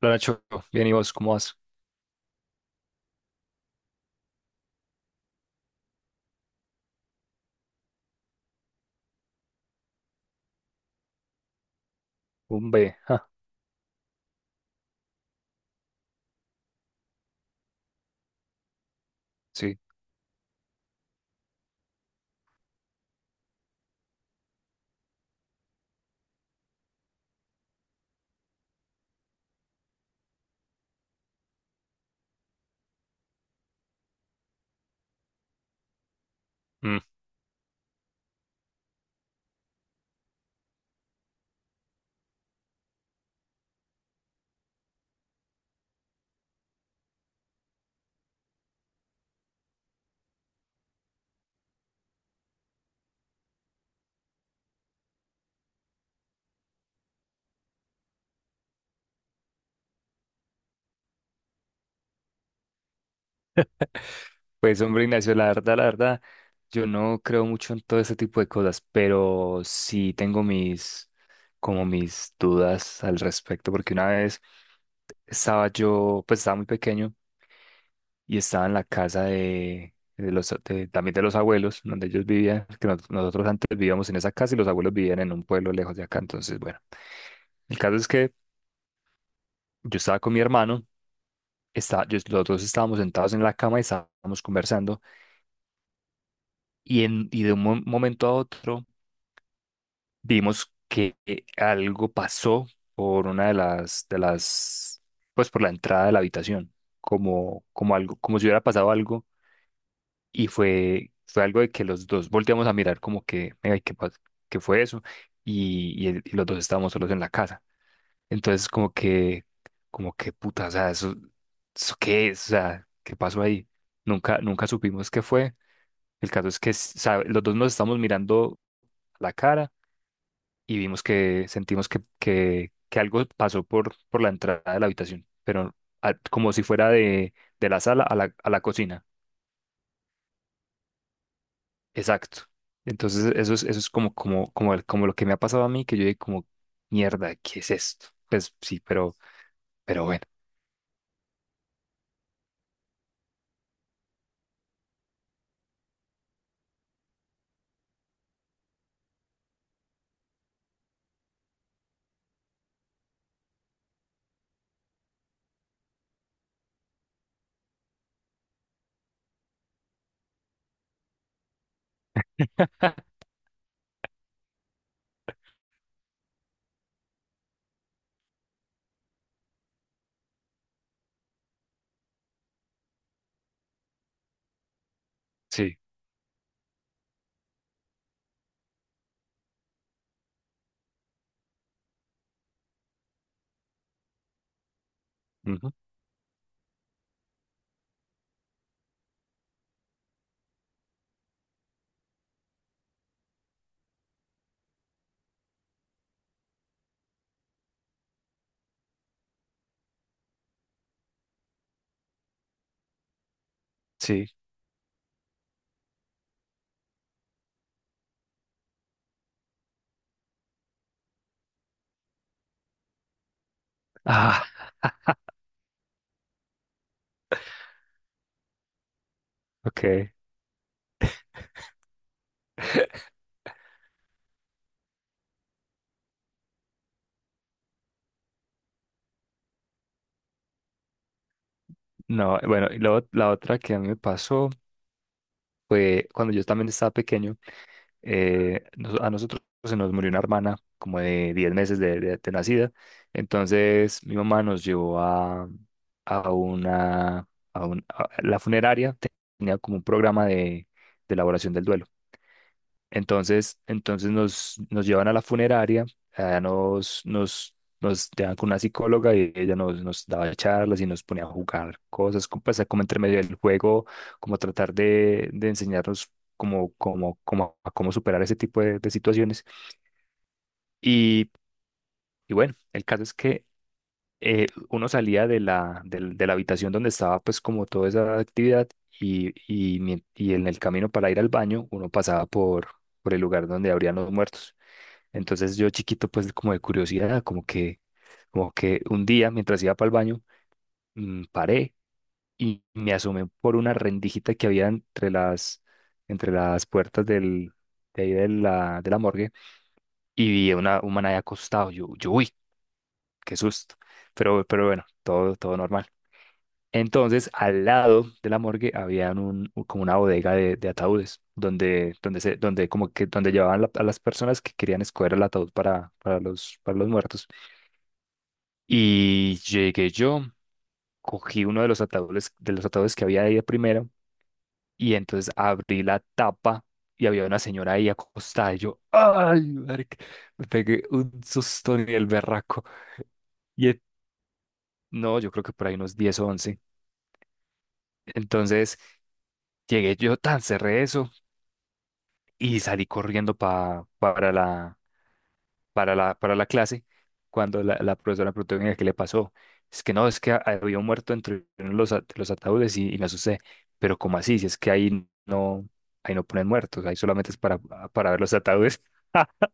Hola Nacho, bien y vos, ¿cómo vas? Un B, ja, sí. Mm. Pues hombre Ignacio, la verdad, yo no creo mucho en todo ese tipo de cosas, pero sí tengo mis, como mis dudas al respecto, porque una vez estaba yo, pues estaba muy pequeño y estaba en la casa también de los abuelos, donde ellos vivían, que nosotros antes vivíamos en esa casa y los abuelos vivían en un pueblo lejos de acá, entonces bueno, el caso es que yo estaba con mi hermano. Los dos estábamos sentados en la cama y estábamos conversando y, y de un momento a otro vimos que algo pasó por una de las, pues por la entrada de la habitación, como, como algo, como si hubiera pasado algo y fue, fue algo de que los dos volteamos a mirar como que, venga, ¿qué fue eso? Y, y los dos estábamos solos en la casa. Entonces como que puta, o sea, eso, ¿eso qué es? O sea, ¿qué pasó ahí? Nunca, nunca supimos qué fue. El caso es que los dos nos estamos mirando a la cara y vimos que sentimos que algo pasó por la entrada de la habitación, pero como si fuera de la sala a la cocina. Exacto. Entonces eso es como lo que me ha pasado a mí, que yo dije como, mierda, ¿qué es esto? Pues sí, pero bueno. Sí. Ujú, sí. Ah, ok. No, bueno, y luego la otra que a mí me pasó fue cuando yo también estaba pequeño. A nosotros se nos murió una hermana como de 10 meses de nacida. Entonces mi mamá nos llevó a una, a un- a- la funeraria, tenía como un programa de elaboración del duelo. Entonces nos llevan a la funeraria, allá nos, nos, nos dejan con una psicóloga y ella nos daba charlas y nos ponía a jugar cosas, como, pues, como entre medio del juego, como tratar de enseñarnos como a cómo superar ese tipo de situaciones. Y, y bueno, el caso es que uno salía de de la habitación donde estaba pues como toda esa actividad y, y en el camino para ir al baño uno pasaba por el lugar donde habrían los muertos. Entonces yo chiquito, pues como de curiosidad, como que un día mientras iba para el baño, paré y me asomé por una rendijita que había entre las puertas de ahí de la morgue y vi a un man ahí acostado. Uy, qué susto. Pero bueno, todo, todo normal. Entonces, al lado de la morgue había como una bodega de ataúdes, donde, donde, se, donde, como que, donde llevaban a las personas que querían escoger el ataúd para los muertos. Y llegué yo, cogí uno de los ataúdes que había ahí de primero, y entonces abrí la tapa y había una señora ahí acostada. Y yo, ¡ay, marica! Me pegué un susto en el berraco. Y en- no, yo creo que por ahí unos 10 o 11. Entonces llegué yo, tan cerré eso y salí corriendo para la clase cuando la profesora preguntó: "Venga, qué le pasó. Es que no, es que había un muerto entre uno de los, de los ataúdes y me asusté. Pero, ¿cómo así? Si es que ahí no ponen muertos, ahí solamente es para ver los ataúdes".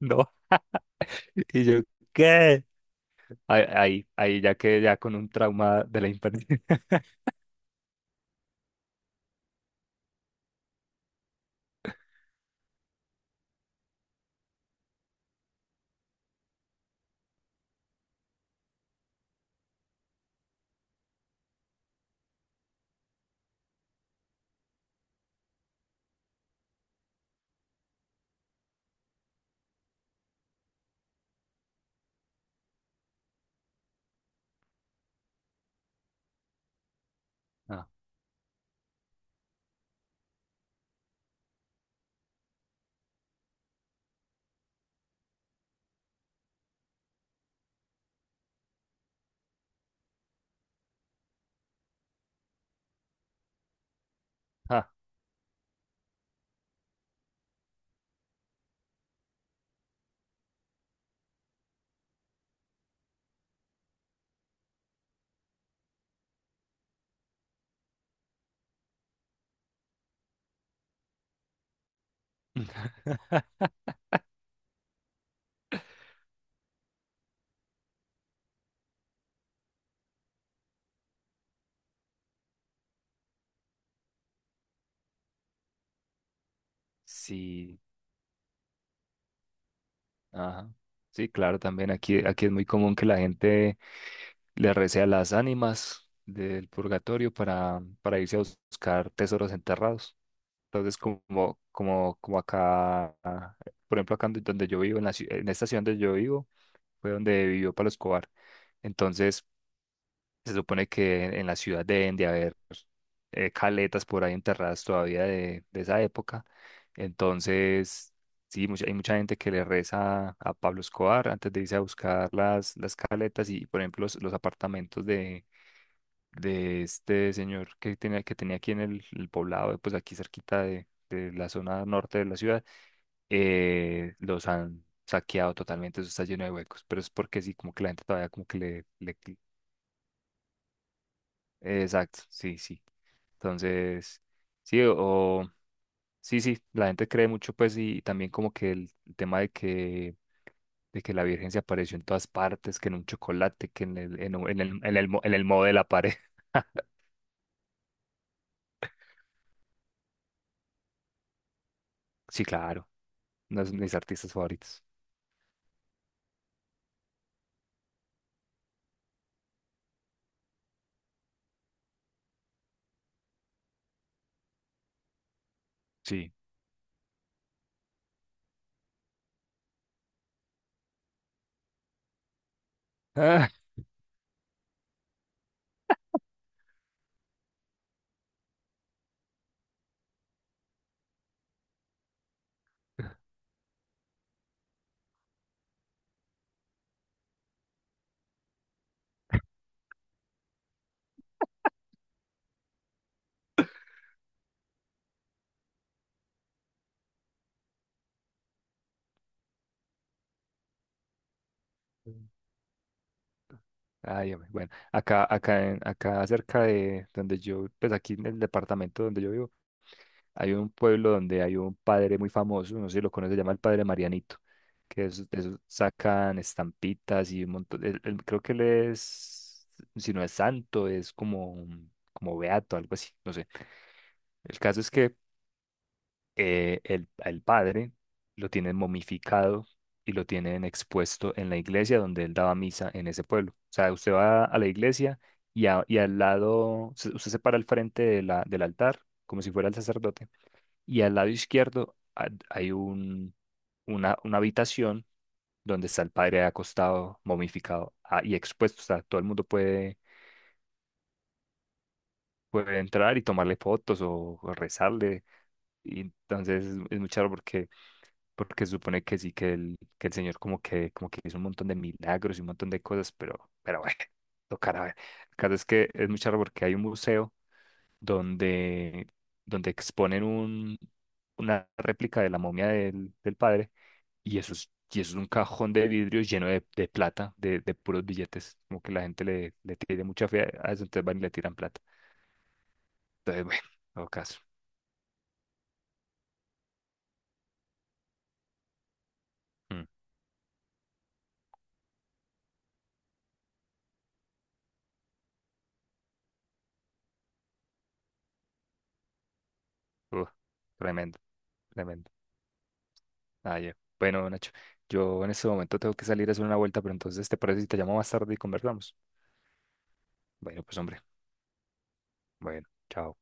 No. Y yo, ¿qué? Ahí, ahí, ahí ya quedé ya con un trauma de la infancia. Ah, ah. Sí, ajá. Sí, claro, también aquí, aquí es muy común que la gente le recé a las ánimas del purgatorio para irse a buscar tesoros enterrados. Entonces, como, como, como acá, ah, por ejemplo, acá en donde yo vivo, en en esta ciudad donde yo vivo, fue donde vivió Pablo Escobar. Entonces, se supone que en la ciudad deben de haber caletas por ahí enterradas todavía de esa época. Entonces, sí, hay mucha gente que le reza a Pablo Escobar antes de irse a buscar las caletas y, por ejemplo, los apartamentos de este señor que tenía aquí en el poblado, pues aquí cerquita de la zona norte de la ciudad, los han saqueado totalmente, eso está lleno de huecos, pero es porque sí, como que la gente todavía como que exacto, sí, sí. Entonces, sí, o... Sí, sí, la gente cree mucho, pues, y también como que el tema de que la Virgen se apareció en todas partes, que en un chocolate, que en el, en, un- en en el, en el modo de la pared. Sí, claro, uno de mis artistas favoritos. Sí. Ah, ay, hombre, bueno, acá, acá cerca de donde yo, pues aquí en el departamento donde yo vivo, hay un pueblo donde hay un padre muy famoso, no sé si lo conoce, se llama el padre Marianito, que es, de esos sacan estampitas y un montón, creo que él es, si no es santo, es como, como beato, algo así, no sé. El caso es que al padre lo tienen momificado y lo tienen expuesto en la iglesia donde él daba misa en ese pueblo. O sea, usted va a la iglesia y, y al lado, usted se para al frente de la, del altar, como si fuera el sacerdote, y al lado izquierdo hay una habitación donde está el padre acostado, momificado ah, y expuesto. O sea, todo el mundo puede, puede entrar y tomarle fotos o rezarle. Y entonces es muy charro porque porque supone que sí, que el Señor como que hizo un montón de milagros y un montón de cosas, pero bueno, tocará ver. El caso es que es muy charro porque hay un museo donde, donde exponen un, una réplica de la momia del, del padre y eso es un cajón de vidrio lleno de plata, de puros billetes, como que la gente le, le tiene mucha fe a eso, entonces van y le tiran plata. Entonces, bueno, todo caso. Mm, uh, tremendo, tremendo. Ah, ya. Bueno, Nacho, yo en este momento tengo que salir a hacer una vuelta, pero entonces, ¿te parece si te llamo más tarde y conversamos? Bueno, pues hombre, bueno, chao.